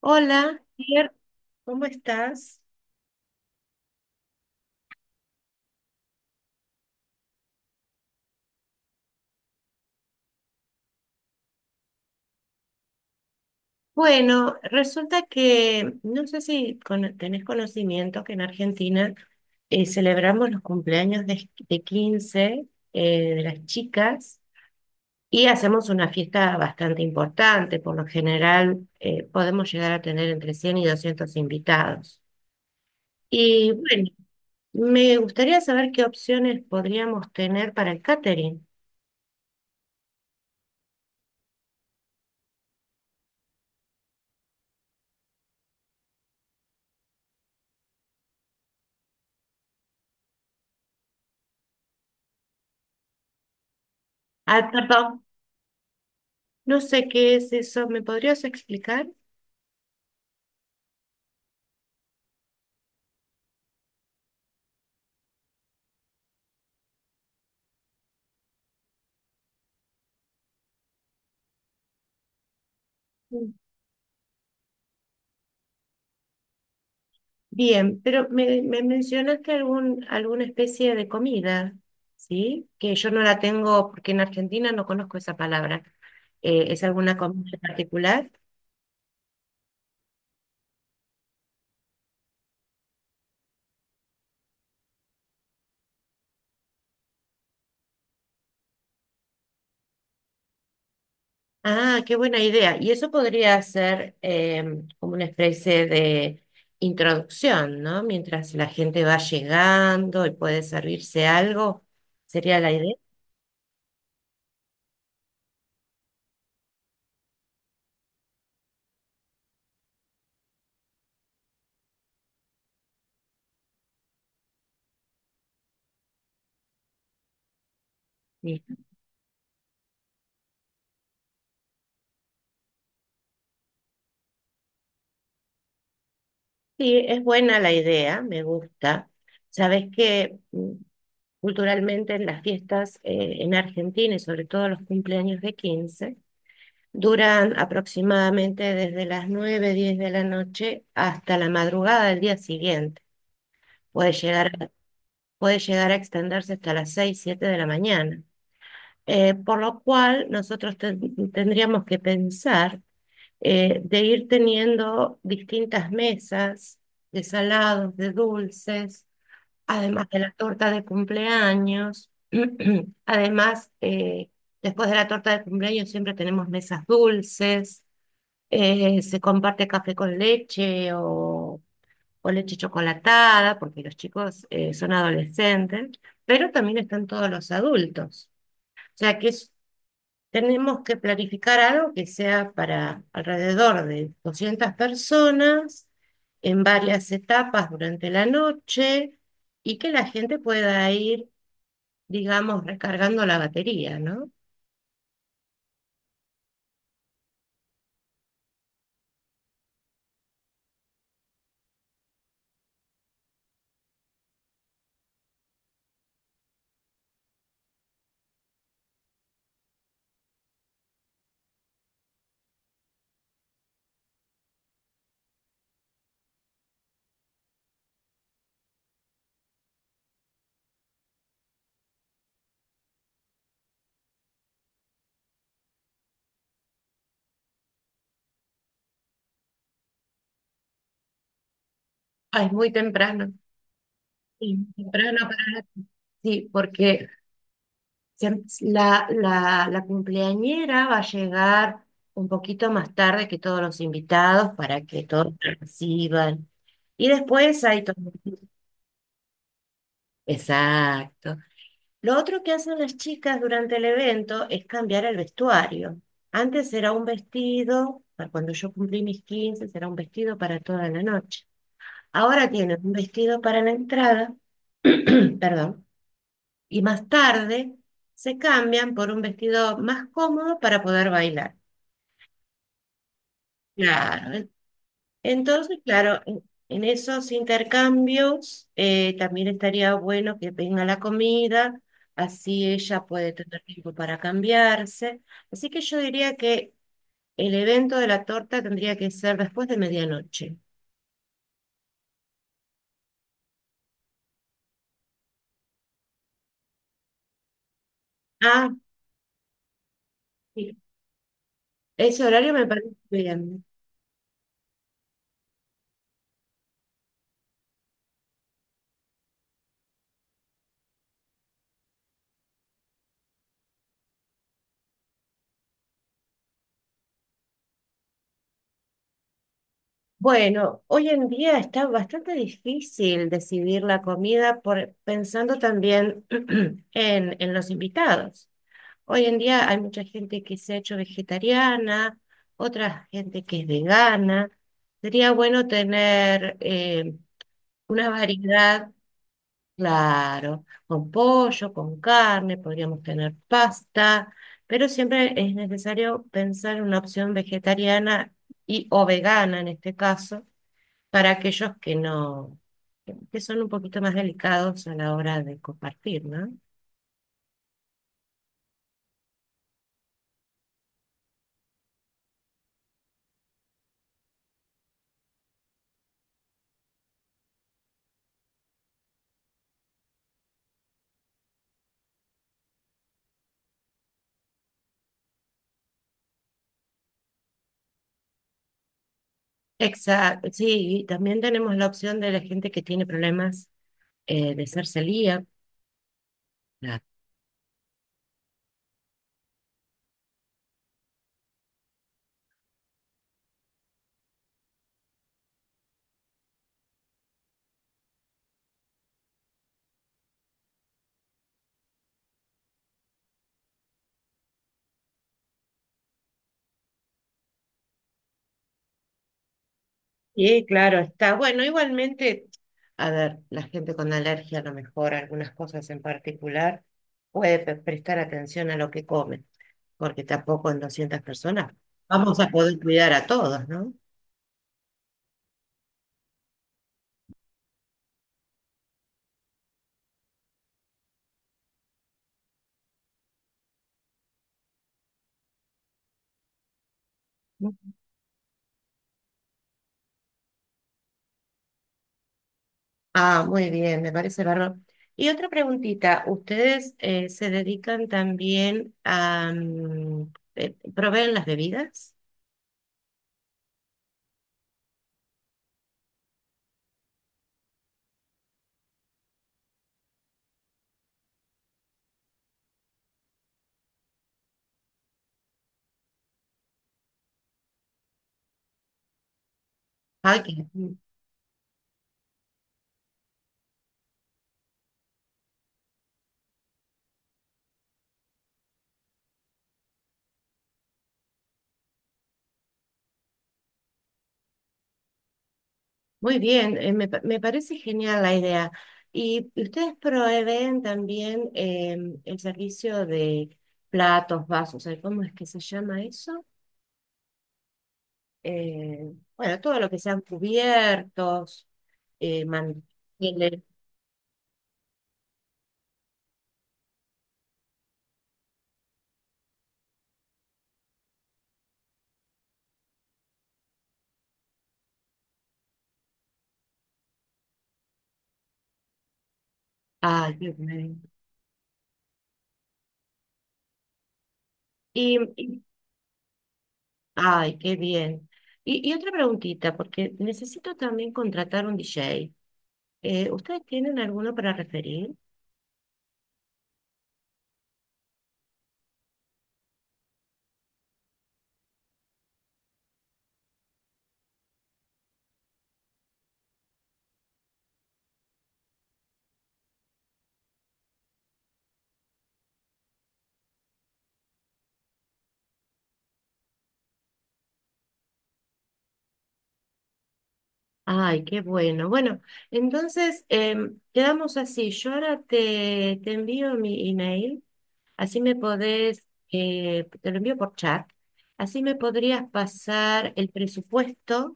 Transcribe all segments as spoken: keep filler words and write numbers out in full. Hola, Pierre, ¿cómo estás? Bueno, resulta que no sé si cono- tenés conocimiento que en Argentina eh, celebramos los cumpleaños de, de quince eh, de las chicas y hacemos una fiesta bastante importante. Por lo general eh, podemos llegar a tener entre cien y doscientos invitados. Y bueno, me gustaría saber qué opciones podríamos tener para el catering. Ah, perdón, no sé qué es eso. ¿Me podrías explicar? Bien, pero me, me mencionaste algún, alguna especie de comida, ¿sí? Que yo no la tengo porque en Argentina no conozco esa palabra. Eh, ¿es alguna comida en particular? Ah, qué buena idea. Y eso podría ser em, como una especie de introducción, ¿no? Mientras la gente va llegando y puede servirse algo, sería la idea. Sí, sí, es buena la idea, me gusta. Sabes que culturalmente, en las fiestas eh, en Argentina y sobre todo los cumpleaños de quince, duran aproximadamente desde las nueve diez de la noche hasta la madrugada del día siguiente. Puede llegar, puede llegar a extenderse hasta las seis siete de la mañana. Eh, por lo cual, nosotros ten- tendríamos que pensar eh, de ir teniendo distintas mesas de salados, de dulces además de la torta de cumpleaños. Además, eh, después de la torta de cumpleaños siempre tenemos mesas dulces, eh, se comparte café con leche o, o leche chocolatada, porque los chicos eh, son adolescentes, pero también están todos los adultos. O sea que es, tenemos que planificar algo que sea para alrededor de doscientas personas en varias etapas durante la noche y que la gente pueda ir, digamos, recargando la batería, ¿no? Ah, es muy temprano. Sí, muy temprano para la- sí, porque se- la, la, la cumpleañera va a llegar un poquito más tarde que todos los invitados para que todos reciban. Y después hay todo. Exacto. Lo otro que hacen las chicas durante el evento es cambiar el vestuario. Antes era un vestido, para cuando yo cumplí mis quince era un vestido para toda la noche. Ahora tienen un vestido para la entrada, perdón, y más tarde se cambian por un vestido más cómodo para poder bailar. Claro, entonces, claro, en, en esos intercambios eh, también estaría bueno que venga la comida, así ella puede tener tiempo para cambiarse. Así que yo diría que el evento de la torta tendría que ser después de medianoche. Ah, sí, ese horario me parece bien. Bueno, hoy en día está bastante difícil decidir la comida por, pensando también en, en los invitados. Hoy en día hay mucha gente que se ha hecho vegetariana, otra gente que es vegana. Sería bueno tener eh, una variedad, claro, con pollo, con carne, podríamos tener pasta, pero siempre es necesario pensar en una opción vegetariana y o vegana en este caso, para aquellos que no, que son un poquito más delicados a la hora de compartir, ¿no? Exacto, sí, y también tenemos la opción de la gente que tiene problemas eh, de ser celíaca. Y claro, está bueno, igualmente, a ver, la gente con alergia a lo mejor, algunas cosas en particular, puede pre- prestar atención a lo que come, porque tampoco en doscientas personas vamos a poder cuidar a todos, ¿no? Ah, muy bien, me parece bárbaro. Y otra preguntita, ¿ustedes eh, se dedican también a... mm, eh, proveen las bebidas? Ay, qué- muy bien, eh, me, pa- me parece genial la idea. ¿Y ustedes proveen también em, el servicio de platos, vasos? Ay, ¿cómo es que se llama eso? Eh, bueno, todo lo que sean cubiertos, eh, manteles. Ay, qué bien. Y, y- ay, qué bien. Y, y otra preguntita, porque necesito también contratar un D J. Eh, ¿ustedes tienen alguno para referir? Ay, qué bueno. Bueno, entonces em, quedamos así. Yo ahora te, te envío mi email, así me podés, eh, te lo envío por chat, así me podrías pasar el presupuesto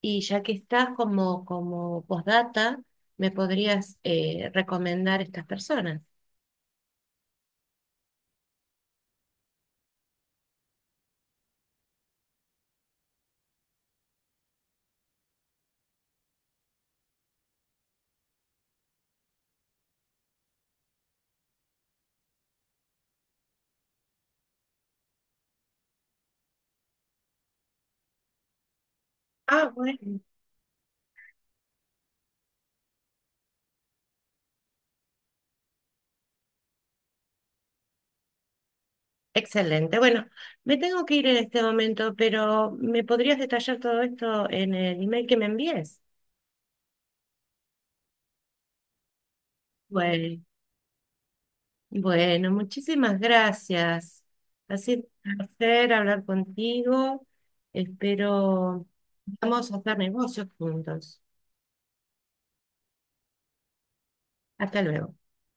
y ya que estás como, como postdata, me podrías eh, recomendar estas personas. Ah, bueno. Excelente. Bueno, me tengo que ir en este momento, pero ¿me podrías detallar todo esto en el email que me envíes? Bueno. Bueno, muchísimas gracias. Ha sido un placer hablar contigo. Espero vamos a hacer negocios juntos. Hasta luego.